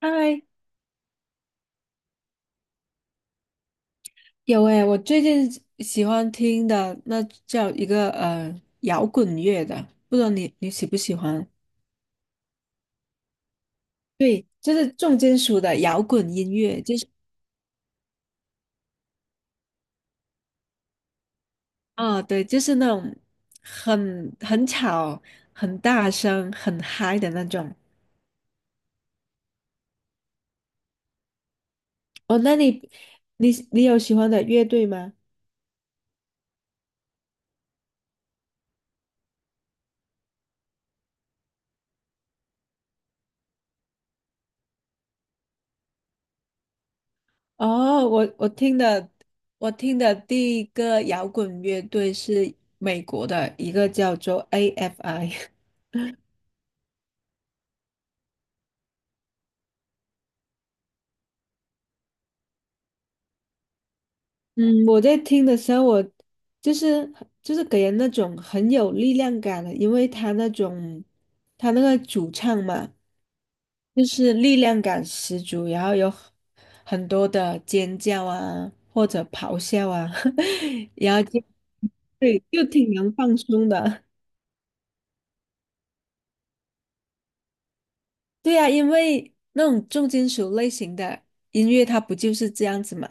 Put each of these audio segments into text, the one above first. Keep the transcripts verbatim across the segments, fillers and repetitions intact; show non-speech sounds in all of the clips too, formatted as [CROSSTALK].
嗨，有诶，我最近喜欢听的那叫一个呃摇滚乐的，不知道你你喜不喜欢？对，就是重金属的摇滚音乐，就是啊、对，就是那种很很吵、很大声、很嗨的那种。哦，那你你你有喜欢的乐队吗？哦，我我听的我听的第一个摇滚乐队是美国的一个叫做 A F I。嗯，我在听的时候，我就是就是给人那种很有力量感的，因为他那种他那个主唱嘛，就是力量感十足，然后有很很多的尖叫啊，或者咆哮啊，[LAUGHS] 然后就对，就挺能放松的。对呀，因为那种重金属类型的音乐，它不就是这样子嘛？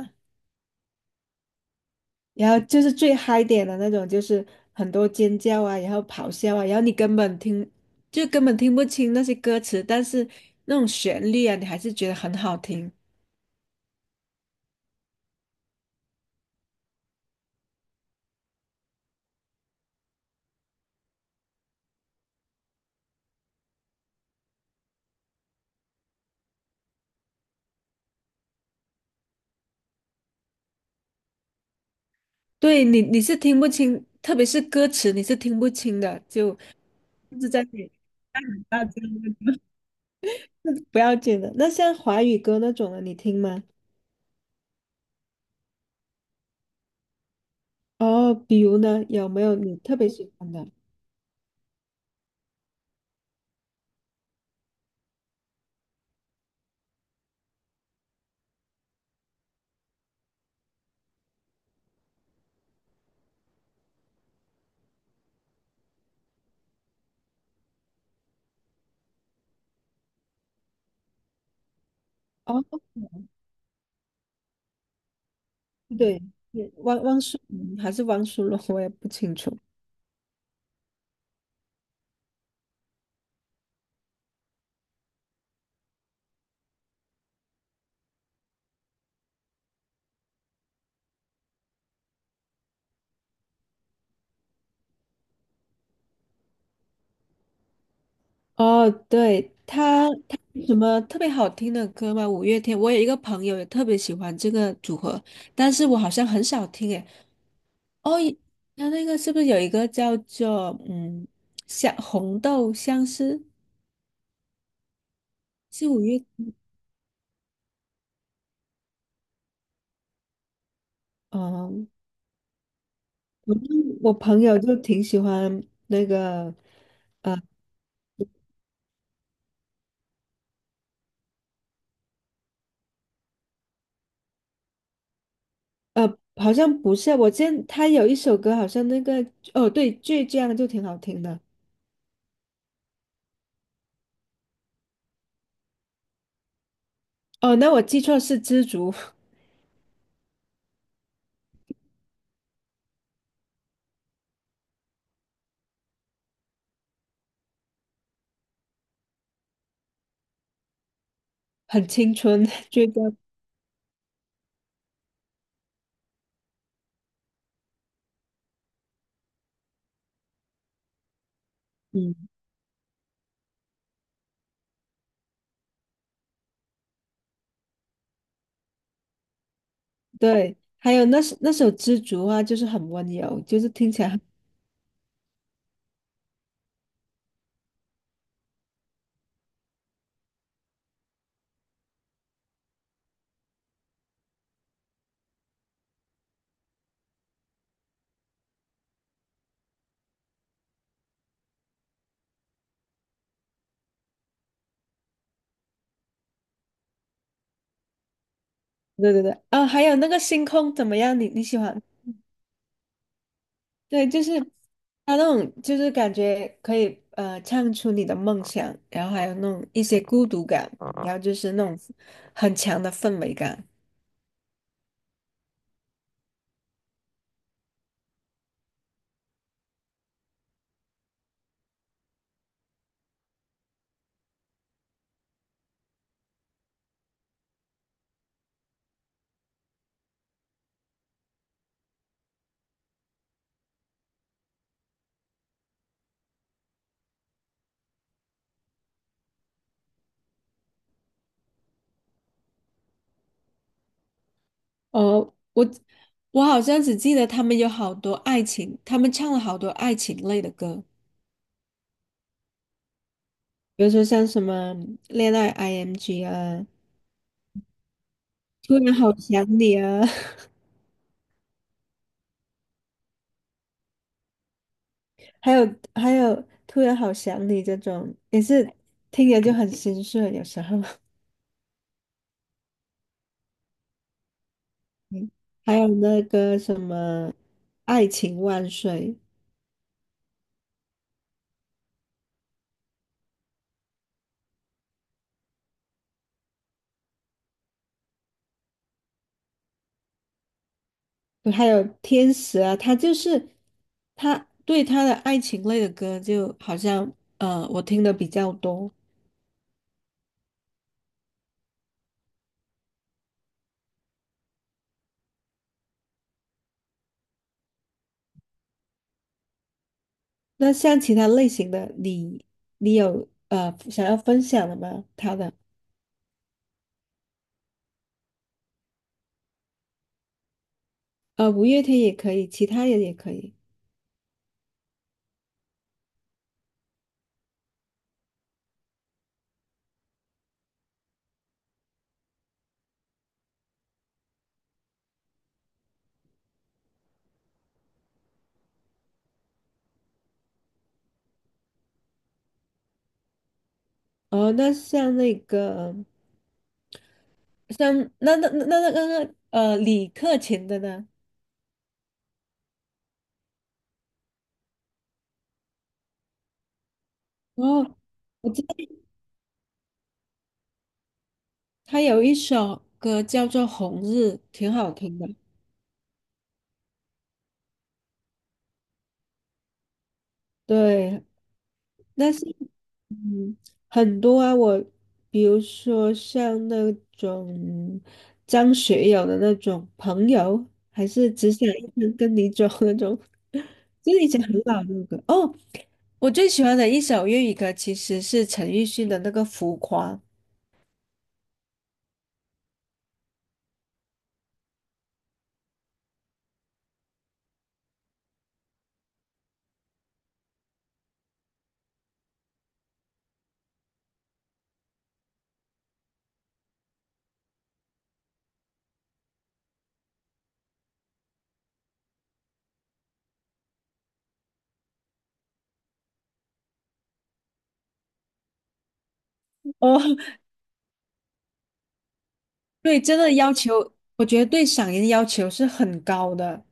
然后就是最嗨点的那种，就是很多尖叫啊，然后咆哮啊，然后你根本听，就根本听不清那些歌词，但是那种旋律啊，你还是觉得很好听。对你，你是听不清，特别是歌词，你是听不清的，就一直在你大家 [LAUGHS] 不要紧的。那像华语歌那种的，你听吗？哦，比如呢，有没有你特别喜欢的？哦，对对汪汪苏泷还是汪苏泷，我也不清楚。哦，对，他他有什么特别好听的歌吗？五月天，我有一个朋友也特别喜欢这个组合，但是我好像很少听诶。哦，他那个是不是有一个叫做嗯，像红豆相思是五月？哦，我我朋友就挺喜欢那个，呃呃，好像不是，我见他有一首歌，好像那个哦对，倔强就挺好听的。哦，那我记错是知足，[LAUGHS] 很青春倔强。嗯，对，还有那首那首《知足》啊，就是很温柔，就是听起来很，对对对，啊、还有那个星空怎么样？你你喜欢？对，就是他那种，就是感觉可以呃唱出你的梦想，然后还有那种一些孤独感，然后就是那种很强的氛围感。哦，我我好像只记得他们有好多爱情，他们唱了好多爱情类的歌，比如说像什么《恋爱 I M G》啊，《突然好想你》啊。[LAUGHS] 还有还有，突然好想你这种也是听着就很心碎，有时候。[LAUGHS] 嗯，还有那个什么《爱情万岁》，还有《天使》啊，他就是他对他的爱情类的歌，就好像呃，我听的比较多。那像其他类型的，你你有呃想要分享的吗？他的呃，五月天也可以，其他人也可以。哦，那像那个。像那那那那那个呃，李克勤的呢？哦，我知道他有一首歌叫做《红日》，挺好听的。对，但是，嗯，很多啊，我比如说像那种张学友的那种朋友，还是只想一生跟你走那种，[LAUGHS] 就是以前很老的歌。哦，我最喜欢的一首粤语歌其实是陈奕迅的那个《浮夸》。哦。对，真的要求，我觉得对嗓音要求是很高的，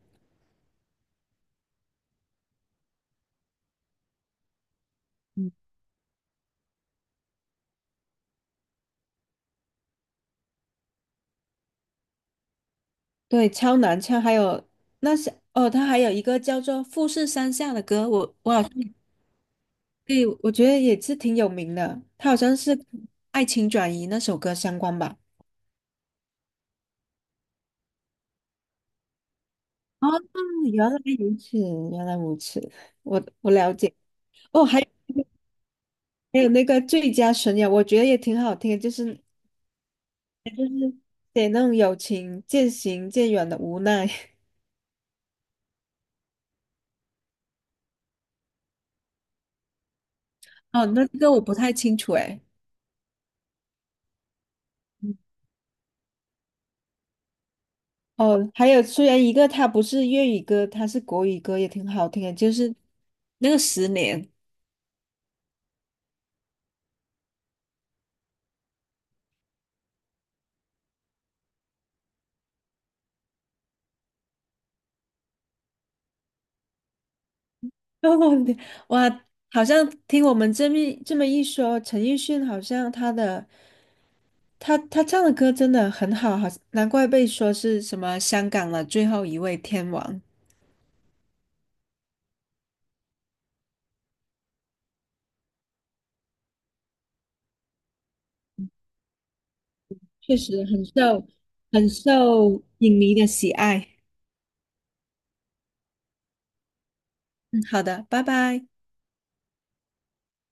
嗯，对，超难唱。还有那是哦，他还有一个叫做《富士山下》的歌，我我好像对，我觉得也是挺有名的，他好像是《爱情转移》那首歌相关吧。哦，原来如此，原来如此，我我了解。哦，还有还有那个最佳损友，我觉得也挺好听的就是写那种友情渐行渐远的无奈。[LAUGHS] 哦，那这个我不太清楚诶。哦，还有虽然一个他不是粤语歌，他是国语歌，也挺好听的，就是那个《十年》[LAUGHS] 哇，好像听我们这么一这么一说，陈奕迅好像他的他他唱的歌真的很好，好难怪被说是什么香港的最后一位天王，确实很受很受影迷的喜爱。嗯，好的，拜拜。